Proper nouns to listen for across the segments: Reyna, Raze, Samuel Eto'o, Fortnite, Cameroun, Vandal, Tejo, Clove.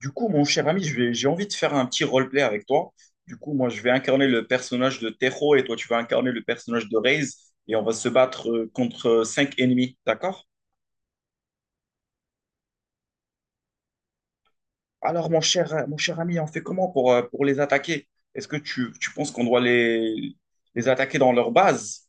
Du coup, mon cher ami, j'ai envie de faire un petit roleplay avec toi. Du coup, moi, je vais incarner le personnage de Tejo et toi, tu vas incarner le personnage de Raze et on va se battre contre cinq ennemis, d'accord? Alors, mon cher ami, on fait comment pour les attaquer? Tu penses qu'on doit les attaquer dans leur base?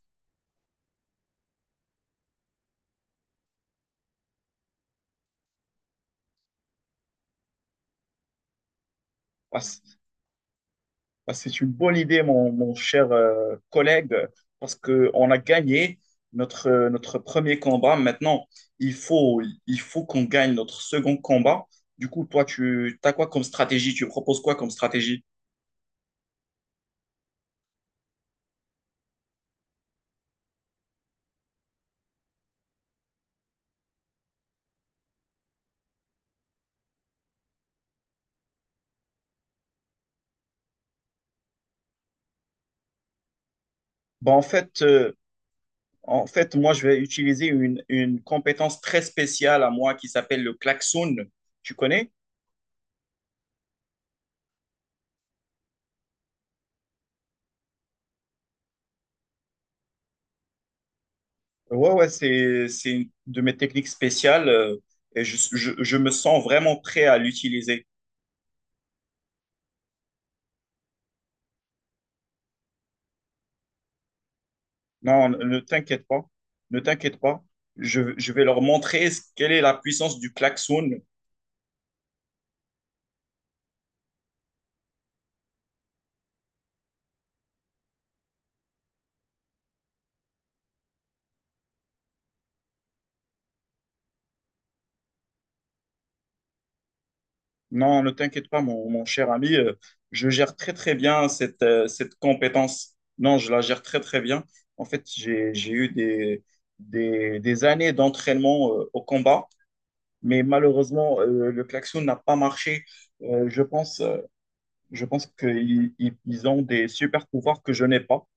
Bah, c'est une bonne idée, mon cher collègue, parce qu'on a gagné notre premier combat. Maintenant, il faut, il faut qu'on gagne notre second combat. Du coup, toi, tu as quoi comme stratégie? Tu proposes quoi comme stratégie? Bah, en fait, euh, en fait, moi, je vais utiliser une compétence très spéciale à moi qui s'appelle le klaxon. Tu connais? Ouais, ouais, c'est une de mes techniques spéciales et je me sens vraiment prêt à l'utiliser. Non, ne t'inquiète pas, ne t'inquiète pas. Je vais leur montrer quelle est la puissance du klaxon. Non, ne t'inquiète pas, mon cher ami. Je gère très, très bien cette compétence. Non, je la gère très, très bien. En fait, j'ai eu des années d'entraînement au combat, mais malheureusement, le klaxon n'a pas marché. Euh, je pense euh, Je pense qu'ils ont des super pouvoirs que je n'ai pas.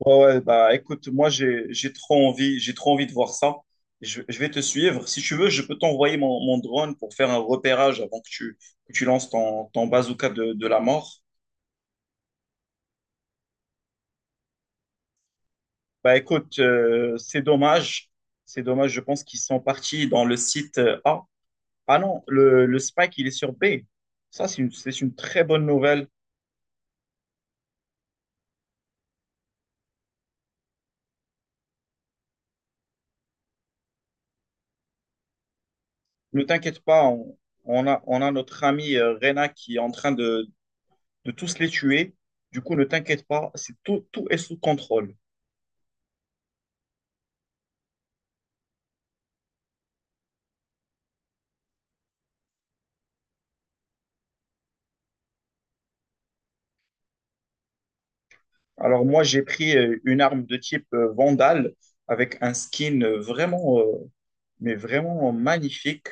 Ouais, ouais, bah écoute, moi j'ai trop envie de voir ça. Je vais te suivre. Si tu veux, je peux t'envoyer mon drone pour faire un repérage avant que tu lances ton bazooka de la mort. Bah écoute, c'est dommage. C'est dommage, je pense qu'ils sont partis dans le site A. Ah non, le Spike, il est sur B. Ça, c'est une très bonne nouvelle. Ne t'inquiète pas, on a notre ami Reyna qui est en train de tous les tuer. Du coup, ne t'inquiète pas, c'est tout, tout est sous contrôle. Alors moi, j'ai pris une arme de type Vandal avec un skin mais vraiment magnifique.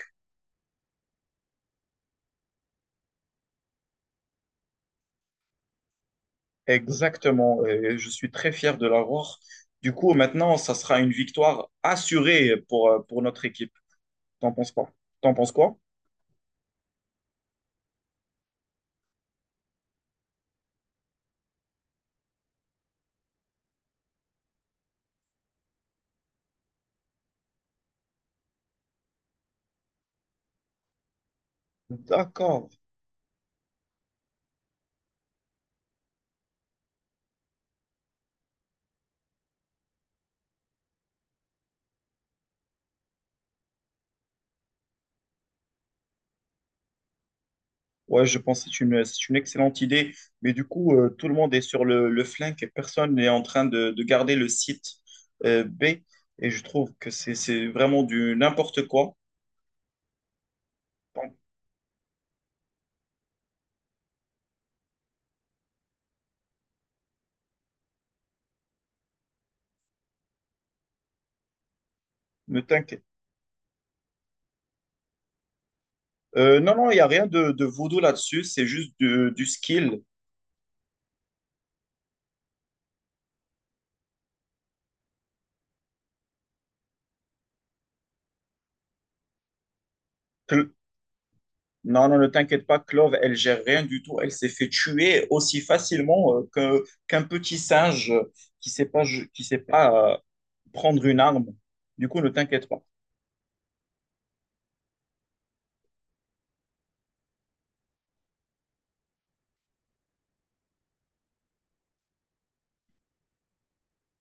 Exactement. Et je suis très fier de l'avoir. Du coup, maintenant, ça sera une victoire assurée pour notre équipe. T'en penses quoi? T'en penses quoi? D'accord. Ouais, je pense que c'est une excellente idée. Mais du coup, tout le monde est sur le flingue et personne n'est en train de garder le site B. Et je trouve que c'est vraiment du n'importe quoi. Bon, ne t'inquiète. Non, non, il n'y a rien de, de voodoo là-dessus. C'est juste du skill. Non, non, ne t'inquiète pas, Clove, elle gère rien du tout. Elle s'est fait tuer aussi facilement qu'un petit singe qui sait pas, qui sait pas prendre une arme. Du coup, ne t'inquiète pas.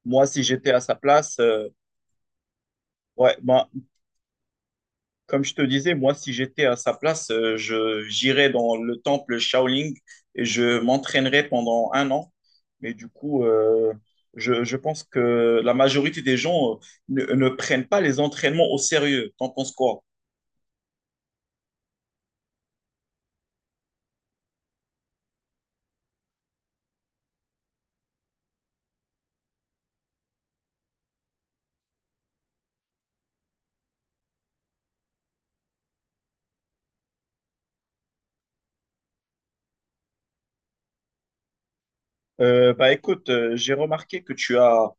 Moi, si j'étais à sa place, ouais, bah, comme je te disais, moi, si j'étais à sa place, je j'irais dans le temple Shaolin et je m'entraînerais pendant un an. Mais du coup, je pense que la majorité des gens ne prennent pas les entraînements au sérieux. T'en penses quoi? Bah écoute, j'ai remarqué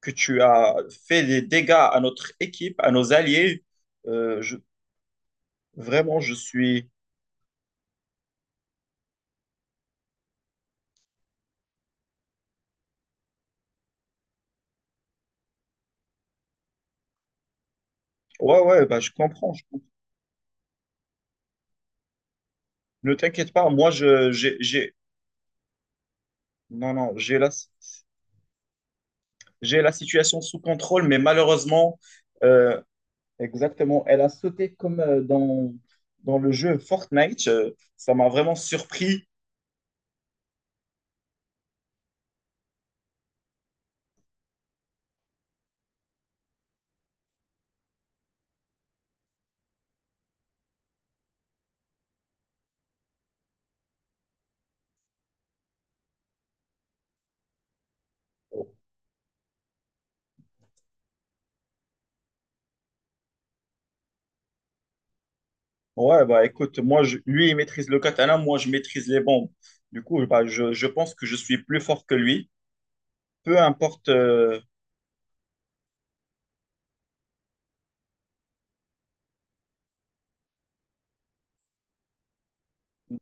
que tu as fait des dégâts à notre équipe, à nos alliés. Euh, je- vraiment, je suis. Ouais, ouais, bah je comprends. Je comprends. Ne t'inquiète pas, moi je j'ai- non non j'ai la situation sous contrôle, mais malheureusement, euh, exactement, elle a sauté comme dans dans le jeu Fortnite. Ça m'a vraiment surpris. Ouais, bah écoute, lui, il maîtrise le katana, moi, je maîtrise les bombes. Du coup, bah, je pense que je suis plus fort que lui, peu importe.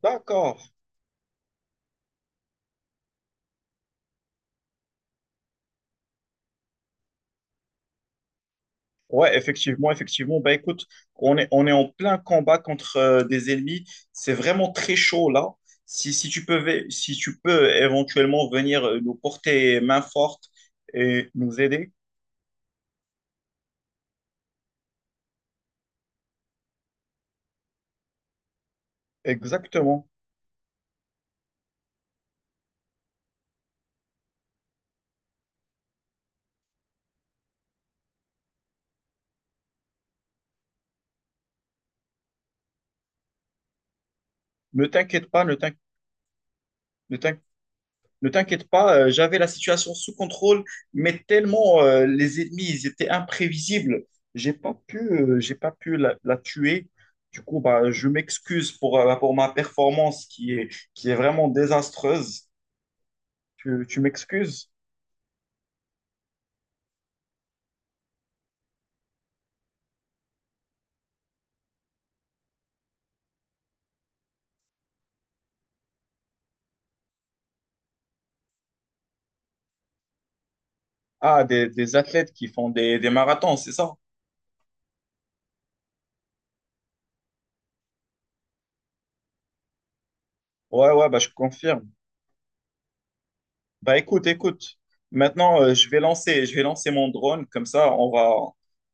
D'accord. Ouais, effectivement, effectivement. Bah écoute, on est en plein combat contre des ennemis. C'est vraiment très chaud là. Si tu peux éventuellement venir nous porter main forte et nous aider. Exactement. Ne t'inquiète pas, ne t'inquiète, Ne t'inquiète pas, j'avais la situation sous contrôle, mais tellement les ennemis, ils étaient imprévisibles, j'ai pas pu la tuer. Du coup, bah, je m'excuse pour ma performance qui est vraiment désastreuse. Tu m'excuses? Ah, des athlètes qui font des marathons, c'est ça? Ouais, ouais, bah, je confirme. Bah, écoute, écoute. Maintenant, je vais lancer mon drone. Comme ça,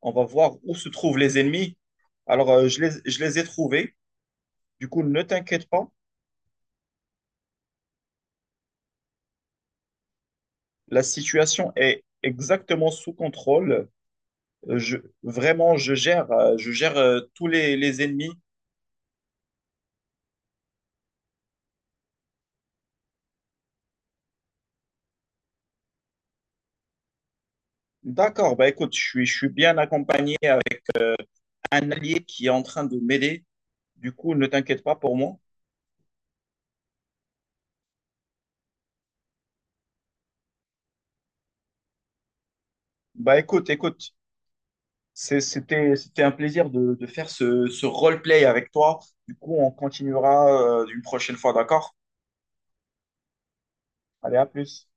on va voir où se trouvent les ennemis. Alors, je les ai trouvés. Du coup, ne t'inquiète pas, la situation est exactement sous contrôle. Euh, Je, je gère tous les ennemis. D'accord, bah écoute, je suis bien accompagné avec un allié qui est en train de m'aider. Du coup, ne t'inquiète pas pour moi. Bah écoute, écoute, c'était un plaisir de faire ce roleplay avec toi. Du coup, on continuera une prochaine fois, d'accord? Allez, à plus.